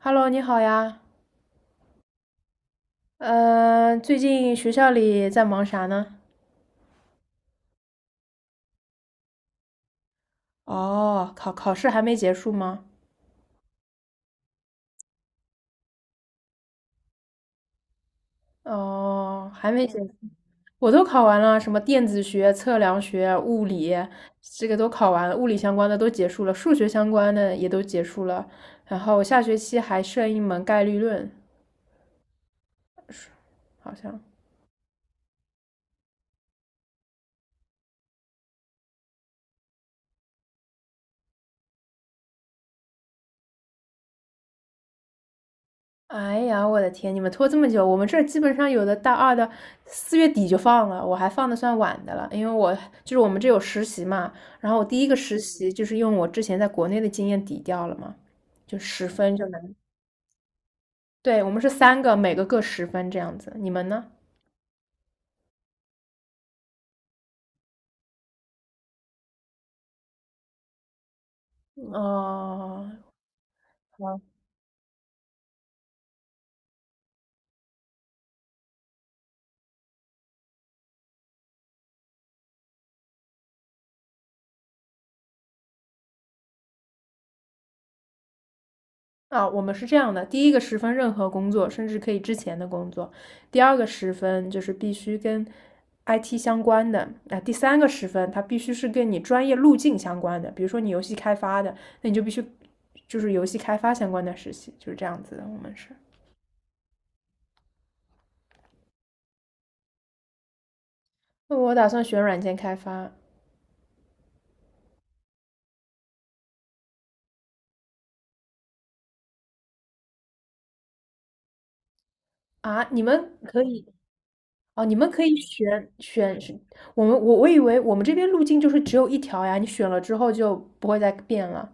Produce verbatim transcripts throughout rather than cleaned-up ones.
Hello，你好呀。嗯、最近学校里在忙啥呢？哦，考考试还没结束吗？哦，还没结束，我都考完了，什么电子学、测量学、物理，这个都考完了，物理相关的都结束了，数学相关的也都结束了。然后下学期还剩一门概率论，好像。哎呀，我的天！你们拖这么久，我们这儿基本上有的大二的四月底就放了，我还放的算晚的了，因为我就是我们这有实习嘛，然后我第一个实习就是用我之前在国内的经验抵掉了嘛，就十分就能，对，我们是三个，每个各十分这样子，你们呢？哦，啊，我们是这样的：第一个十分任何工作，甚至可以之前的工作；第二个十分就是必须跟 I T 相关的；啊，第三个十分它必须是跟你专业路径相关的，比如说你游戏开发的，那你就必须就是游戏开发相关的实习，就是这样子的。我们是，那我打算选软件开发。啊，你们可以。哦，你们可以选选我们我我以为我们这边路径就是只有一条呀，你选了之后就不会再变了。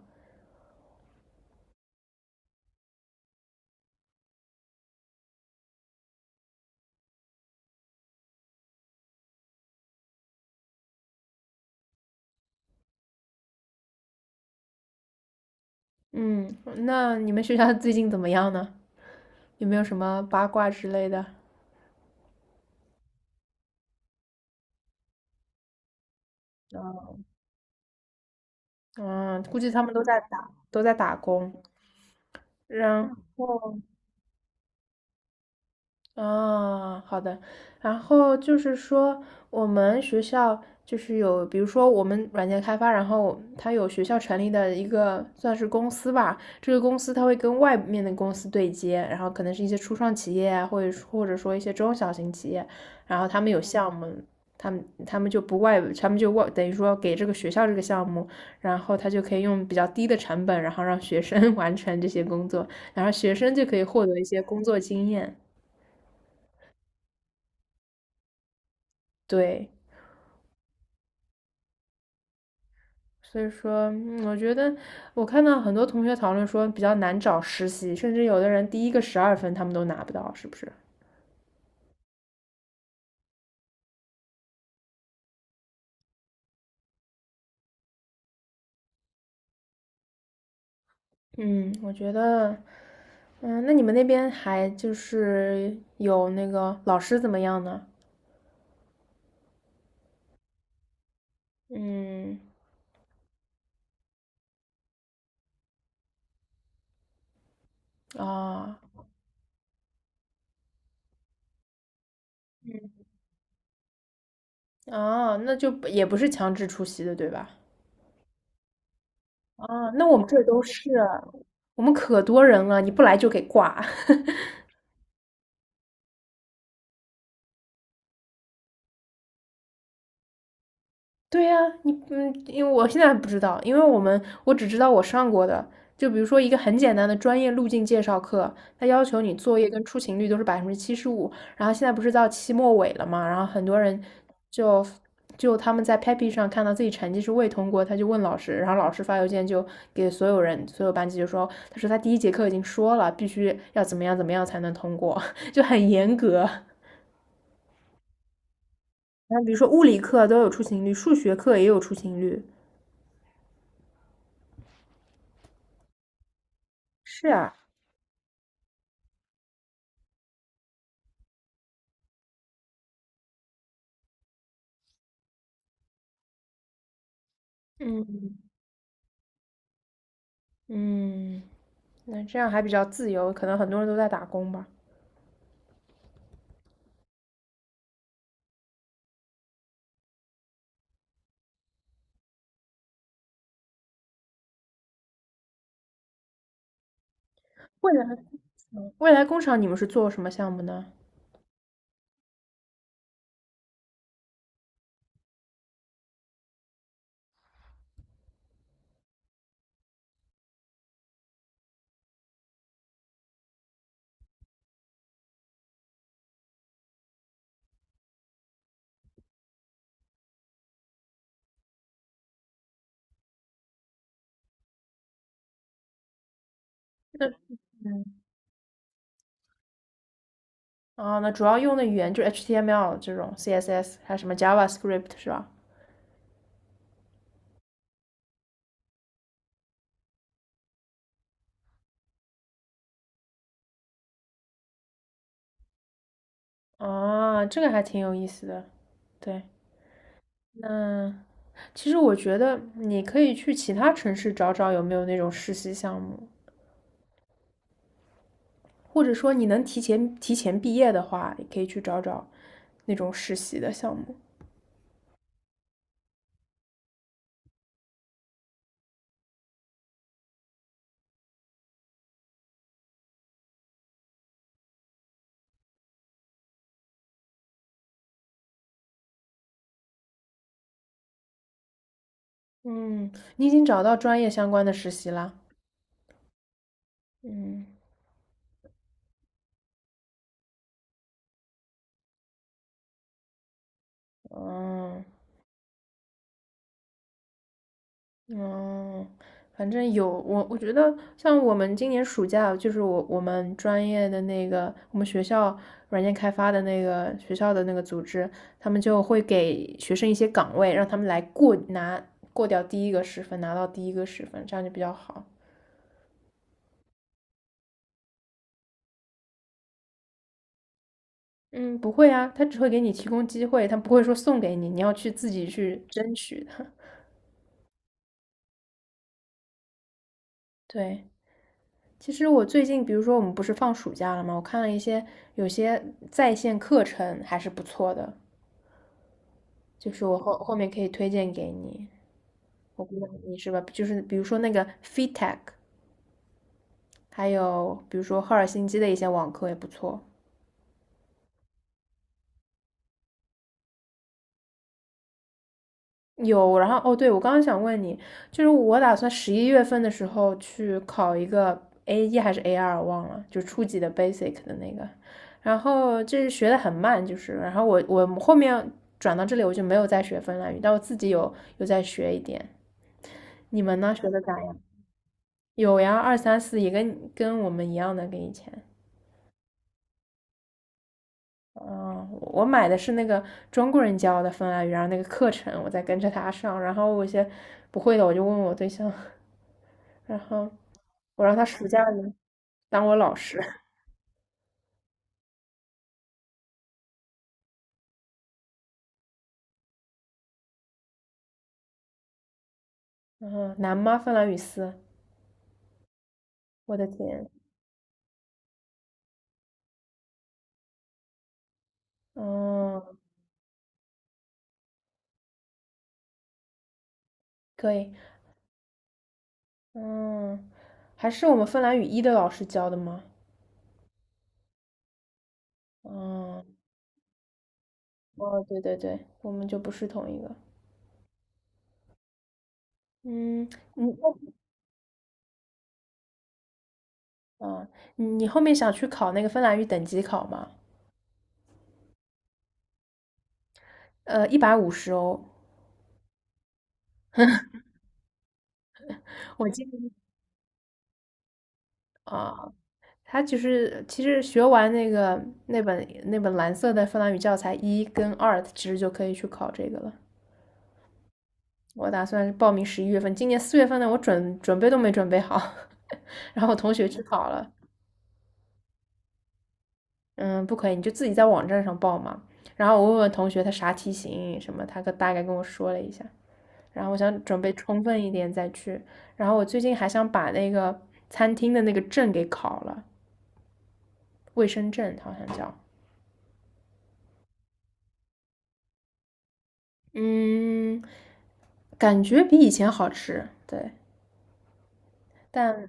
嗯，那你们学校最近怎么样呢？有没有什么八卦之类的？嗯，估计他们都在打，都在打工。然后，啊，好的。然后就是说，我们学校就是有，比如说我们软件开发，然后它有学校成立的一个算是公司吧。这个公司它会跟外面的公司对接，然后可能是一些初创企业啊，或者或者说一些中小型企业，然后他们有项目，他们他们就不外，他们就外等于说给这个学校这个项目，然后他就可以用比较低的成本，然后让学生 完成这些工作，然后学生就可以获得一些工作经验。对。所以说，嗯我觉得我看到很多同学讨论说比较难找实习，甚至有的人第一个十二分他们都拿不到，是不是？嗯，我觉得，嗯，那你们那边还就是有那个老师怎么样呢？嗯，啊啊，那就不也不是强制出席的，对吧？啊，那我们这儿都是，我们可多人了，你不来就给挂。对呀，你嗯，因为我现在还不知道，因为我们我只知道我上过的，就比如说一个很简单的专业路径介绍课，它要求你作业跟出勤率都是百分之七十五，然后现在不是到期末尾了嘛，然后很多人就就他们在 Pepi 上看到自己成绩是未通过，他就问老师，然后老师发邮件就给所有人所有班级就说，他说他第一节课已经说了，必须要怎么样怎么样才能通过，就很严格。然后比如说物理课都有出勤率，数学课也有出勤率。是啊，嗯嗯，那这样还比较自由，可能很多人都在打工吧。未来工厂，未来工厂你们是做什么项目呢？那啊，那主要用的语言就是 H T M L 这种 C S S，还有什么 JavaScript 是吧？啊，这个还挺有意思的。对，那其实我觉得你可以去其他城市找找有没有那种实习项目，或者说你能提前提前毕业的话，也可以去找找那种实习的项目。嗯，你已经找到专业相关的实习啦？嗯。嗯嗯，反正有我，我觉得像我们今年暑假，就是我我们专业的那个，我们学校软件开发的那个学校的那个组织，他们就会给学生一些岗位，让他们来过拿过掉第一个十分，拿到第一个十分，这样就比较好。嗯，不会啊，他只会给你提供机会，他不会说送给你，你要去自己去争取的。对。其实我最近，比如说我们不是放暑假了吗？我看了一些有些在线课程还是不错的，就是我后后面可以推荐给你。我估知道你是吧？就是比如说那个 FeedTech，还有比如说赫尔辛基的一些网课也不错。有，然后哦，对，我刚刚想问你，就是我打算十一月份的时候去考一个 A 一还是 A 二，忘了，就初级的 basic 的那个。然后这学的很慢，就是，然后我我后面转到这里，我就没有再学芬兰语，但我自己有有在学一点。你们呢？学的咋样？有呀，二三四也跟跟我们一样的，跟以前。嗯，我买的是那个中国人教的芬兰语，然后那个课程我在跟着他上，然后我一些不会的我就问我对象，然后我让他暑假里当我老师。嗯，难吗？芬兰语四，我的天，嗯，可以，嗯，还是我们芬兰语一的老师教的吗？嗯，哦，对对对，我们就不是同一个。嗯，你后，嗯，你后面想去考那个芬兰语等级考吗？呃，一百五十欧。我记得啊，他其实其实学完那个那本那本蓝色的芬兰语教材一跟二，其实就可以去考这个了。我打算报名十一月份，今年四月份呢，我准准备都没准备好，然后我同学去考了，嗯，不可以，你就自己在网站上报嘛。然后我问问同学他啥题型什么，他跟大概跟我说了一下，然后我想准备充分一点再去。然后我最近还想把那个餐厅的那个证给考了，卫生证好像叫。嗯，感觉比以前好吃，对，但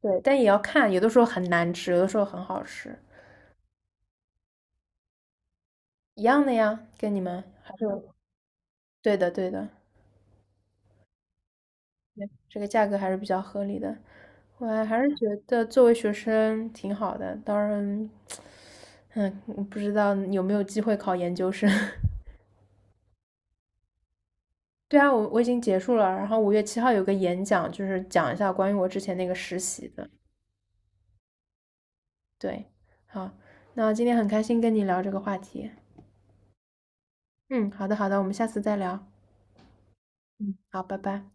对，但也要看，有的时候很难吃，有的时候很好吃，一样的呀，跟你们还是对的，对的，对这个价格还是比较合理的。我还是觉得作为学生挺好的，当然，嗯，嗯不知道有没有机会考研究生。对啊，我我已经结束了，然后五月七号有个演讲，就是讲一下关于我之前那个实习的。对，好，那今天很开心跟你聊这个话题。嗯，好的好的，我们下次再聊。嗯，好，拜拜。